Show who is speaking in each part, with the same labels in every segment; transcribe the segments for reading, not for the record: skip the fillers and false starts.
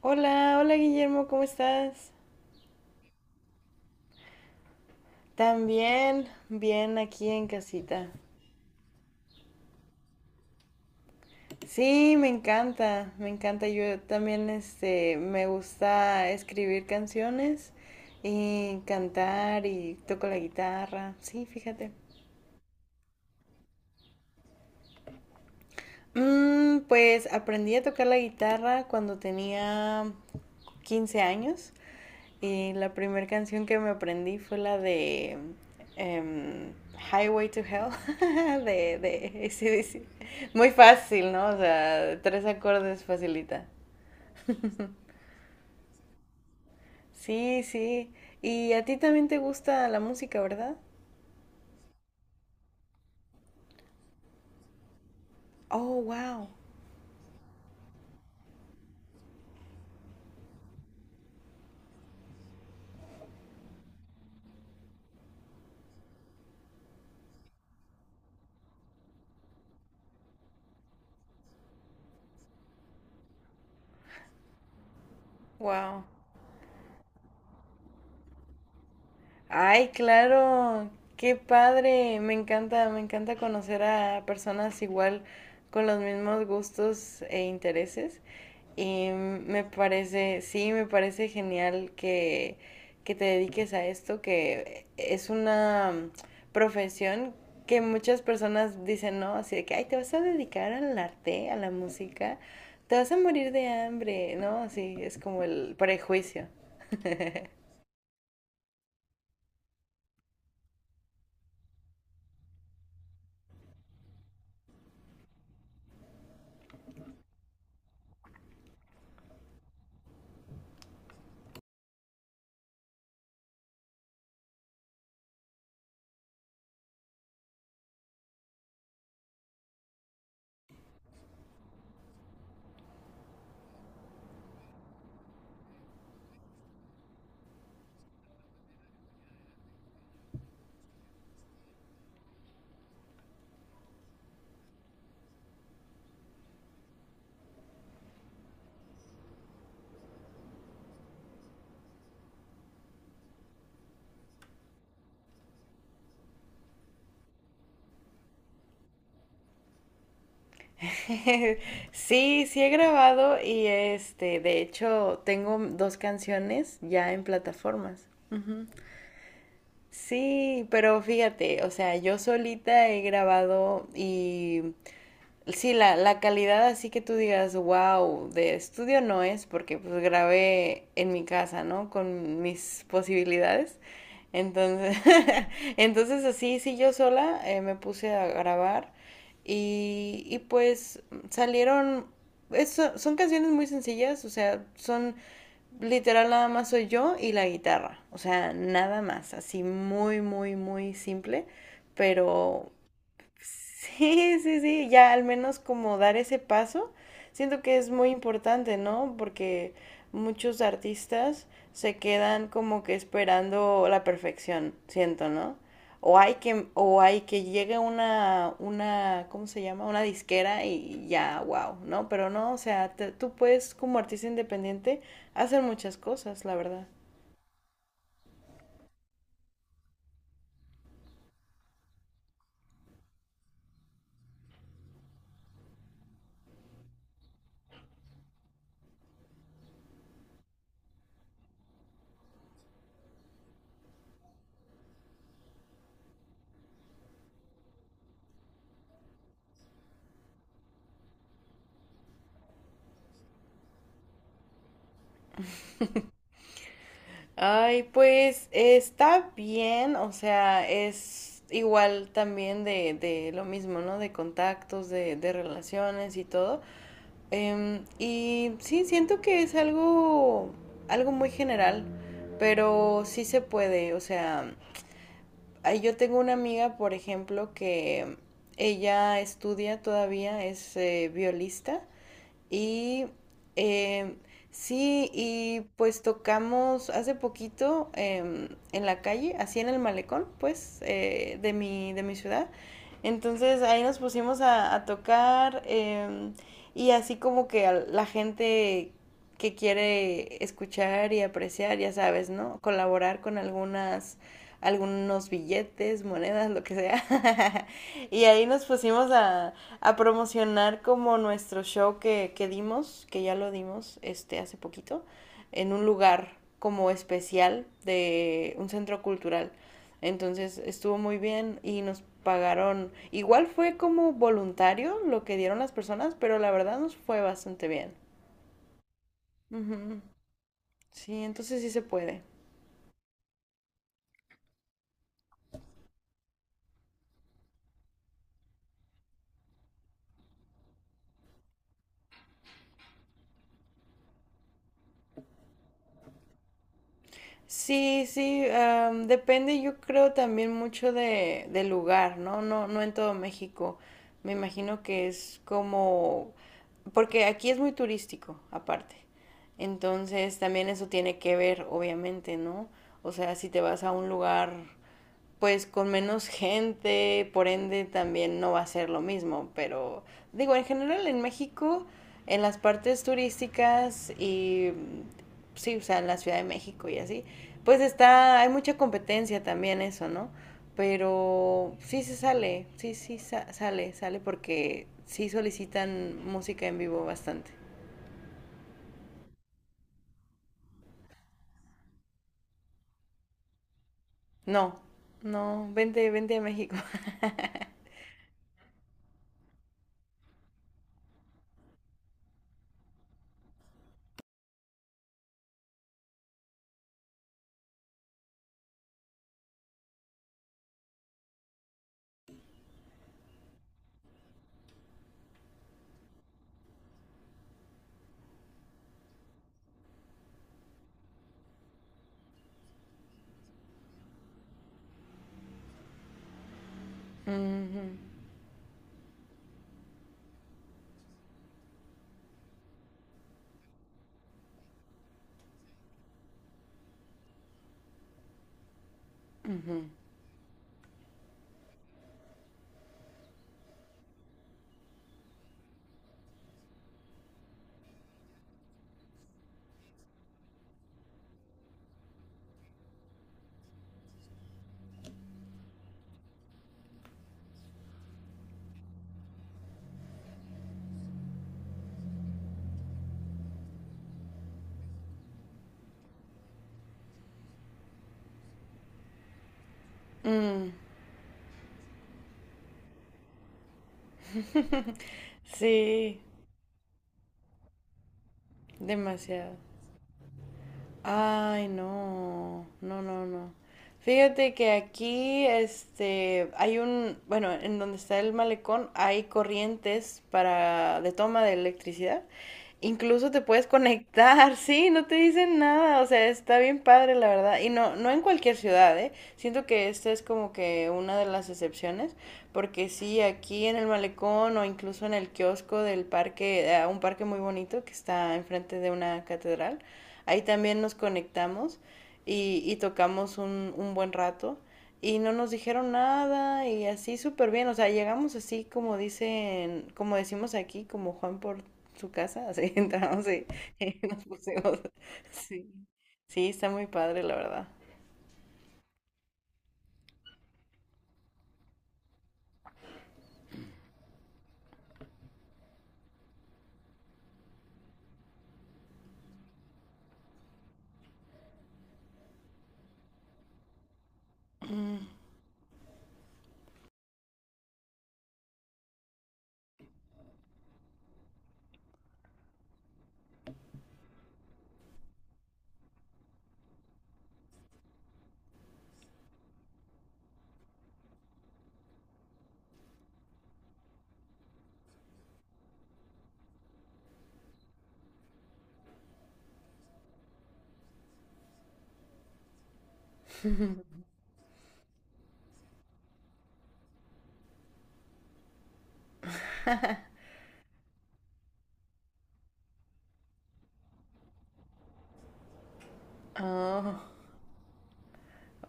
Speaker 1: Hola, hola Guillermo, ¿cómo estás? También, bien aquí en casita. Sí, me encanta, me encanta. Yo también, me gusta escribir canciones y cantar y toco la guitarra. Sí, fíjate. Pues aprendí a tocar la guitarra cuando tenía 15 años. Y la primera canción que me aprendí fue la de em, Highway to Hell de AC/DC. Muy fácil, ¿no? O sea, tres acordes facilita. Sí, sí. Y a ti también te gusta la música, ¿verdad? Oh, wow. Wow. Ay, claro, qué padre. Me encanta conocer a personas igual con los mismos gustos e intereses. Y me parece, sí, me parece genial que te dediques a esto, que es una profesión que muchas personas dicen, no, así de que, ay, te vas a dedicar al arte, a la música, te vas a morir de hambre, ¿no? Así es como el prejuicio. Sí, sí he grabado y de hecho, tengo dos canciones ya en plataformas. Sí, pero fíjate, o sea, yo solita he grabado y sí, la calidad así que tú digas, wow, de estudio no es, porque pues grabé en mi casa, ¿no? Con mis posibilidades. Entonces, entonces así, sí, yo sola me puse a grabar y, pues salieron, eso, son canciones muy sencillas, o sea, son literal nada más soy yo y la guitarra, o sea, nada más, así muy, muy, muy simple, pero sí, sí, sí, ya al menos como dar ese paso, siento que es muy importante, ¿no? Porque muchos artistas se quedan como que esperando la perfección, siento, ¿no? O hay que llegue una, ¿cómo se llama? Una disquera y ya, wow, ¿no? Pero no, o sea, tú puedes como artista independiente hacer muchas cosas, la verdad. Ay, pues está bien, o sea, es igual también de lo mismo, ¿no? De contactos, de relaciones y todo. Y sí, siento que es algo muy general, pero sí se puede, o sea, ahí yo tengo una amiga, por ejemplo, que ella estudia todavía, es violista. Y em, sí, y pues tocamos hace poquito en la calle, así en el malecón, pues, de mi ciudad. Entonces ahí nos pusimos a tocar y así como que a la gente que quiere escuchar y apreciar, ya sabes, ¿no? Colaborar con algunos billetes, monedas, lo que sea. Y ahí nos pusimos a promocionar como nuestro show que dimos, que ya lo dimos hace poquito, en un lugar como especial de un centro cultural. Entonces estuvo muy bien y nos pagaron, igual fue como voluntario lo que dieron las personas, pero la verdad nos fue bastante bien. Ujú. Sí, entonces sí se puede. Sí, sí, depende yo creo también mucho del lugar, ¿no? No, no en todo México. Me imagino que es como, porque aquí es muy turístico, aparte. Entonces también eso tiene que ver, obviamente, ¿no? O sea, si te vas a un lugar pues con menos gente, por ende también no va a ser lo mismo, pero digo, en general en México, en las partes turísticas y sí, o sea, en la Ciudad de México y así, pues está, hay mucha competencia también eso, ¿no? Pero sí se sale, sí, sale, sale porque sí solicitan música en vivo bastante. No, no, vente, vente a México. Mm, ujú. Mm, sí, demasiado. Ay, no, no, no, no. Fíjate que aquí, hay bueno, en donde está el malecón hay corrientes para de toma de electricidad. Incluso te puedes conectar, sí, no te dicen nada, o sea, está bien padre, la verdad. Y no, no en cualquier ciudad, ¿eh? Siento que esta es como que una de las excepciones, porque sí, aquí en el malecón o incluso en el kiosco del parque, un parque muy bonito que está enfrente de una catedral. Ahí también nos conectamos y tocamos un buen rato y no nos dijeron nada y así súper bien, o sea, llegamos así como dicen, como decimos aquí, como Juan por su casa, así entramos y nos pusimos. Sí, sí, está muy padre, la verdad. Ah.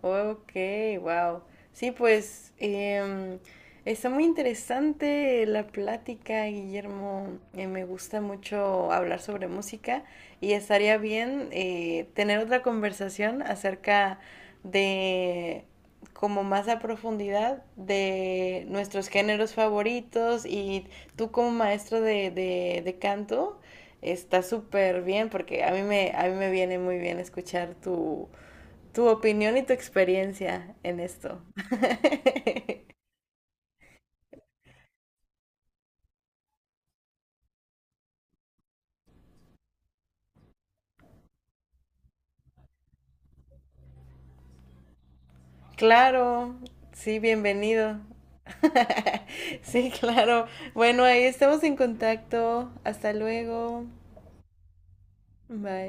Speaker 1: Ok, wow. Sí, pues está muy interesante la plática, Guillermo. Me gusta mucho hablar sobre música y estaría bien tener otra conversación acerca de, como más a profundidad, de nuestros géneros favoritos y tú como maestro de canto. Está súper bien porque a mí me viene muy bien escuchar tu opinión y tu experiencia en esto. Claro, sí, bienvenido. Sí, claro. Bueno, ahí estamos en contacto. Hasta luego. Bye.